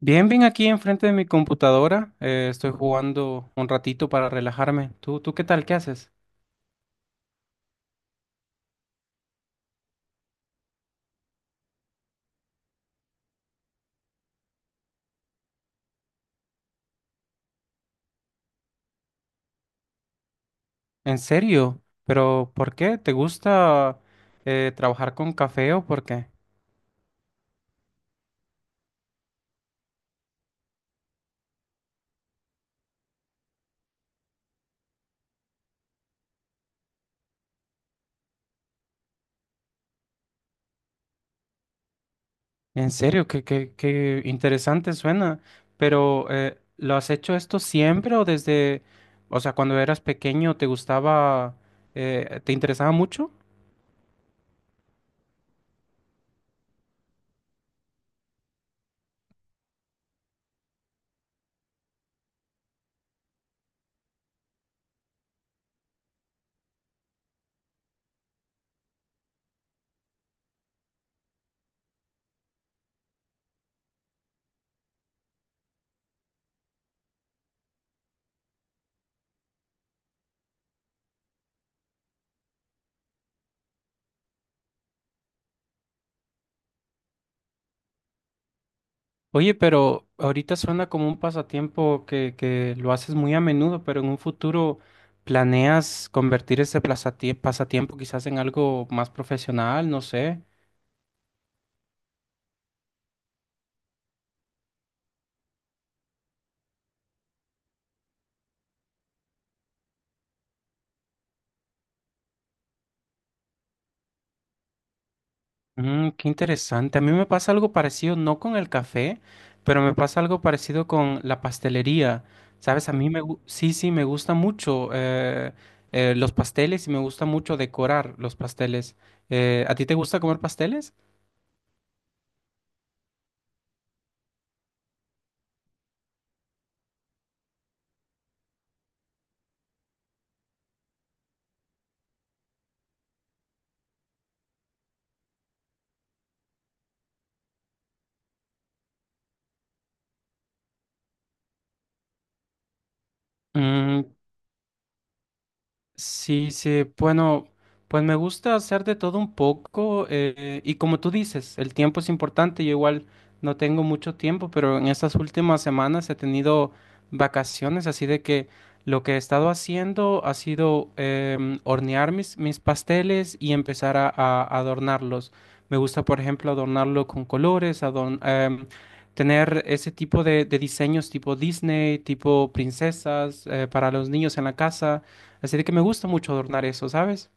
Bien, bien aquí enfrente de mi computadora. Estoy jugando un ratito para relajarme. ¿Tú qué tal? ¿Qué haces? ¿En serio? ¿Pero por qué? ¿Te gusta trabajar con café o por qué? En serio, qué interesante suena. Pero ¿lo has hecho esto siempre o desde, o sea, cuando eras pequeño te gustaba, te interesaba mucho? Oye, pero ahorita suena como un pasatiempo que lo haces muy a menudo, pero en un futuro planeas convertir ese pasatiempo quizás en algo más profesional, no sé. Mm, qué interesante. A mí me pasa algo parecido, no con el café, pero me pasa algo parecido con la pastelería. Sabes, a mí sí, sí, me gusta mucho los pasteles y me gusta mucho decorar los pasteles. ¿A ti te gusta comer pasteles? Mm. Sí, sí, bueno, pues me gusta hacer de todo un poco y como tú dices, el tiempo es importante, yo igual no tengo mucho tiempo, pero en estas últimas semanas he tenido vacaciones, así de que lo que he estado haciendo ha sido hornear mis pasteles y empezar a adornarlos. Me gusta, por ejemplo, adornarlo con colores, tener ese tipo de diseños tipo Disney, tipo princesas para los niños en la casa. Así de que me gusta mucho adornar eso, ¿sabes?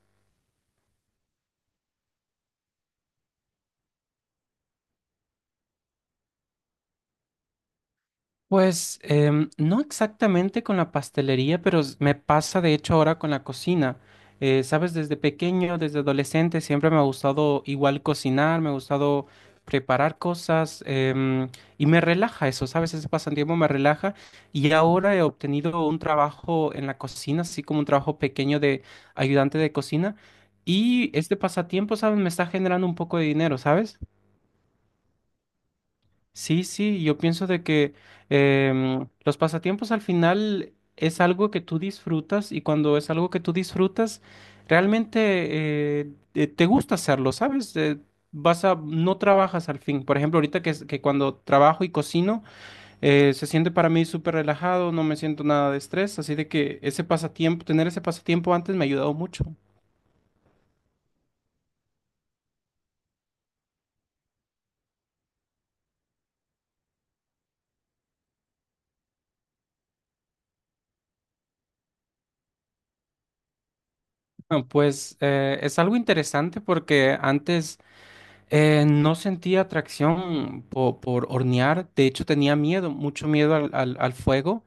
Pues no exactamente con la pastelería, pero me pasa de hecho ahora con la cocina. ¿Sabes? Desde pequeño, desde adolescente, siempre me ha gustado igual cocinar, me ha gustado preparar cosas y me relaja eso, ¿sabes? Ese pasatiempo me relaja y ahora he obtenido un trabajo en la cocina, así como un trabajo pequeño de ayudante de cocina y este pasatiempo, ¿sabes? Me está generando un poco de dinero, ¿sabes? Sí, sí, yo pienso de que los pasatiempos al final es algo que tú disfrutas y cuando es algo que tú disfrutas, realmente te gusta hacerlo, ¿sabes? Vas a, no trabajas al fin. Por ejemplo, ahorita que cuando trabajo y cocino, se siente para mí súper relajado, no me siento nada de estrés, así de que ese pasatiempo, tener ese pasatiempo antes me ha ayudado mucho. Ah, pues es algo interesante porque antes no sentía atracción por hornear, de hecho tenía miedo, mucho miedo al fuego,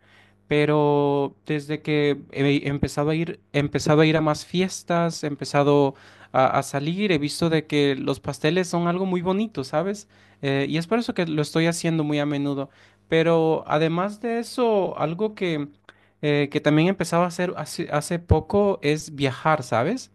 pero desde que he empezado a ir, he empezado a ir a más fiestas, he empezado a salir, he visto de que los pasteles son algo muy bonito, ¿sabes? Y es por eso que lo estoy haciendo muy a menudo. Pero además de eso, algo que también he empezado a hacer hace poco es viajar, ¿sabes?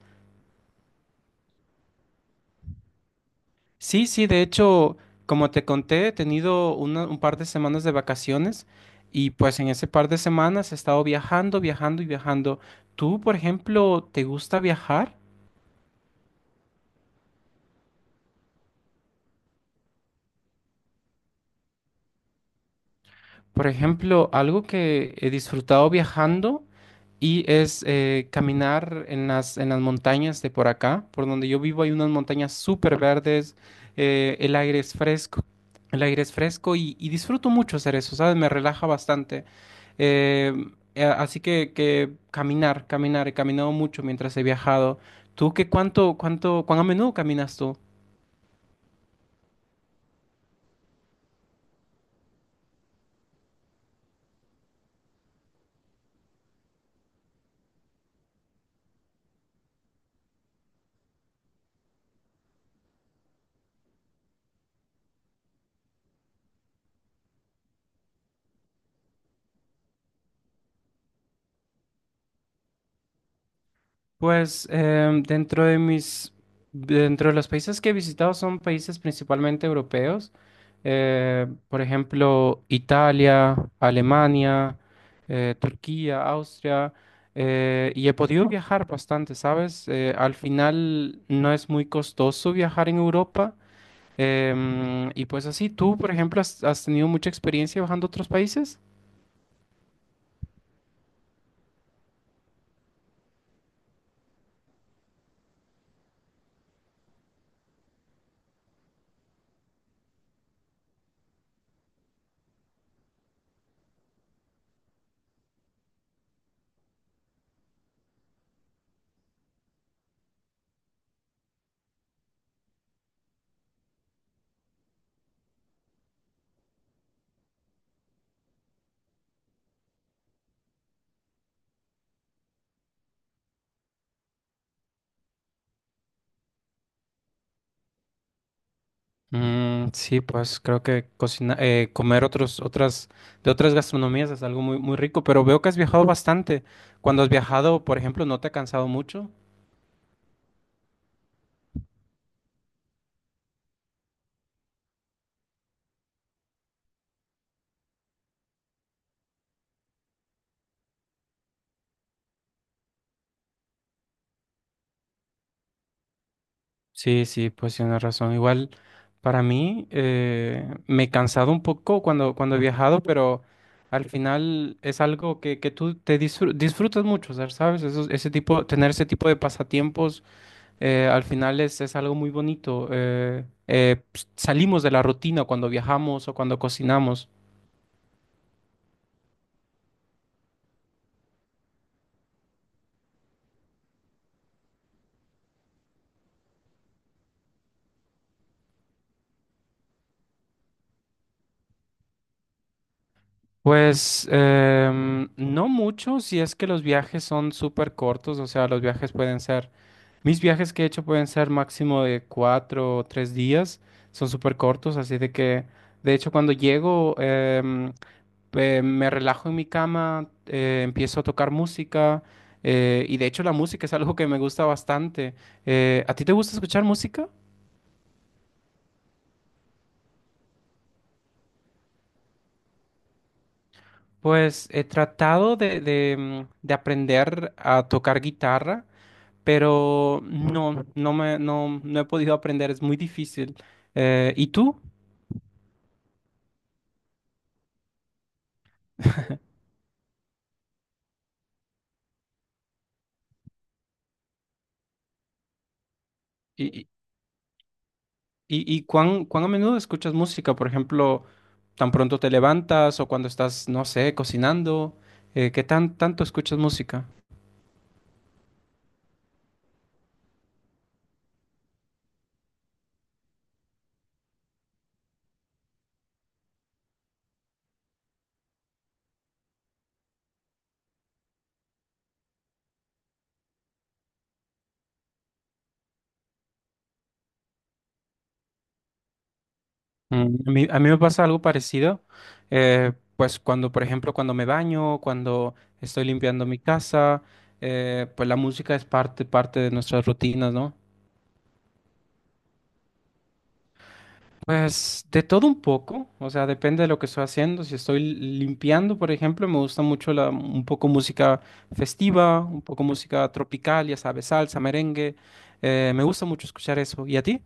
Sí, sí, de hecho, como te conté, he tenido un par de semanas de vacaciones y pues en ese par de semanas he estado viajando, viajando y viajando. ¿Tú, por ejemplo, te gusta viajar? Por ejemplo, algo que he disfrutado viajando y es caminar en las montañas de por acá, por donde yo vivo hay unas montañas súper verdes, el aire es fresco, el aire es fresco y disfruto mucho hacer eso, ¿sabes? Me relaja bastante. Eh, Así que caminar, he caminado mucho mientras he viajado. ¿Tú cuán a menudo caminas tú? Pues dentro de los países que he visitado son países principalmente europeos, por ejemplo, Italia, Alemania, Turquía, Austria, y he podido viajar bastante, ¿sabes? Al final no es muy costoso viajar en Europa, y pues así, ¿tú, por ejemplo, has tenido mucha experiencia viajando a otros países? Mm, sí, pues creo que cocina, comer de otras gastronomías es algo muy, muy rico, pero veo que has viajado bastante. Cuando has viajado, por ejemplo, ¿no te ha cansado mucho? Sí, sí, pues tienes razón. Igual para mí me he cansado un poco cuando he viajado, pero al final es algo que tú te disfrutas mucho, o sea, ¿sabes? Tener ese tipo de pasatiempos al final es algo muy bonito. Salimos de la rutina cuando viajamos o cuando cocinamos. Pues no mucho si es que los viajes son súper cortos, o sea, los viajes pueden ser, mis viajes que he hecho pueden ser máximo de cuatro o tres días, son súper cortos, así de que, de hecho, cuando llego, me relajo en mi cama, empiezo a tocar música y de hecho la música es algo que me gusta bastante. ¿A ti te gusta escuchar música? Pues he tratado de aprender a tocar guitarra, pero no me, no he podido aprender, es muy difícil. ¿Y tú? ¿Y, y cuán a menudo escuchas música? Por ejemplo, tan pronto te levantas o cuando estás, no sé, cocinando, ¿qué tanto escuchas música? Mm, a mí me pasa algo parecido, pues cuando, por ejemplo, cuando me baño, cuando estoy limpiando mi casa, pues la música es parte de nuestras rutinas, ¿no? Pues de todo un poco, o sea, depende de lo que estoy haciendo. Si estoy limpiando, por ejemplo, me gusta mucho un poco música festiva, un poco música tropical, ya sabes, salsa, merengue, me gusta mucho escuchar eso. ¿Y a ti?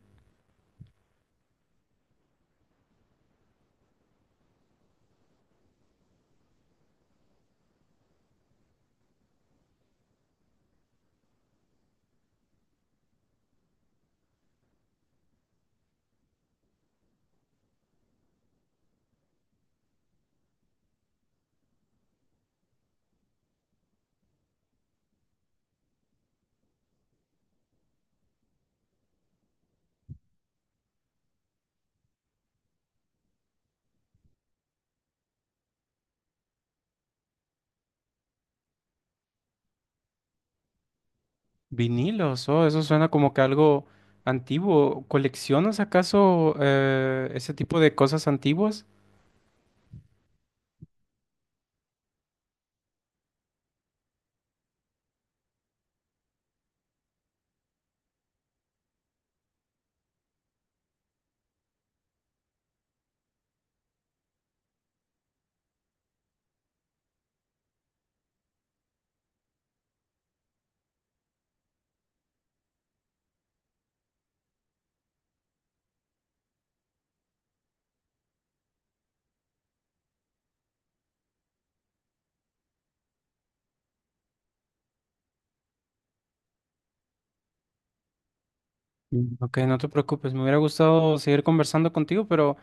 Vinilos, oh, eso suena como que algo antiguo. ¿Coleccionas acaso ese tipo de cosas antiguas? Mm. Ok, no te preocupes, me hubiera gustado seguir conversando contigo, pero,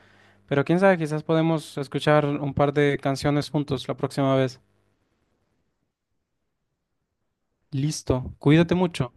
pero quién sabe, quizás podemos escuchar un par de canciones juntos la próxima vez. Listo, cuídate mucho.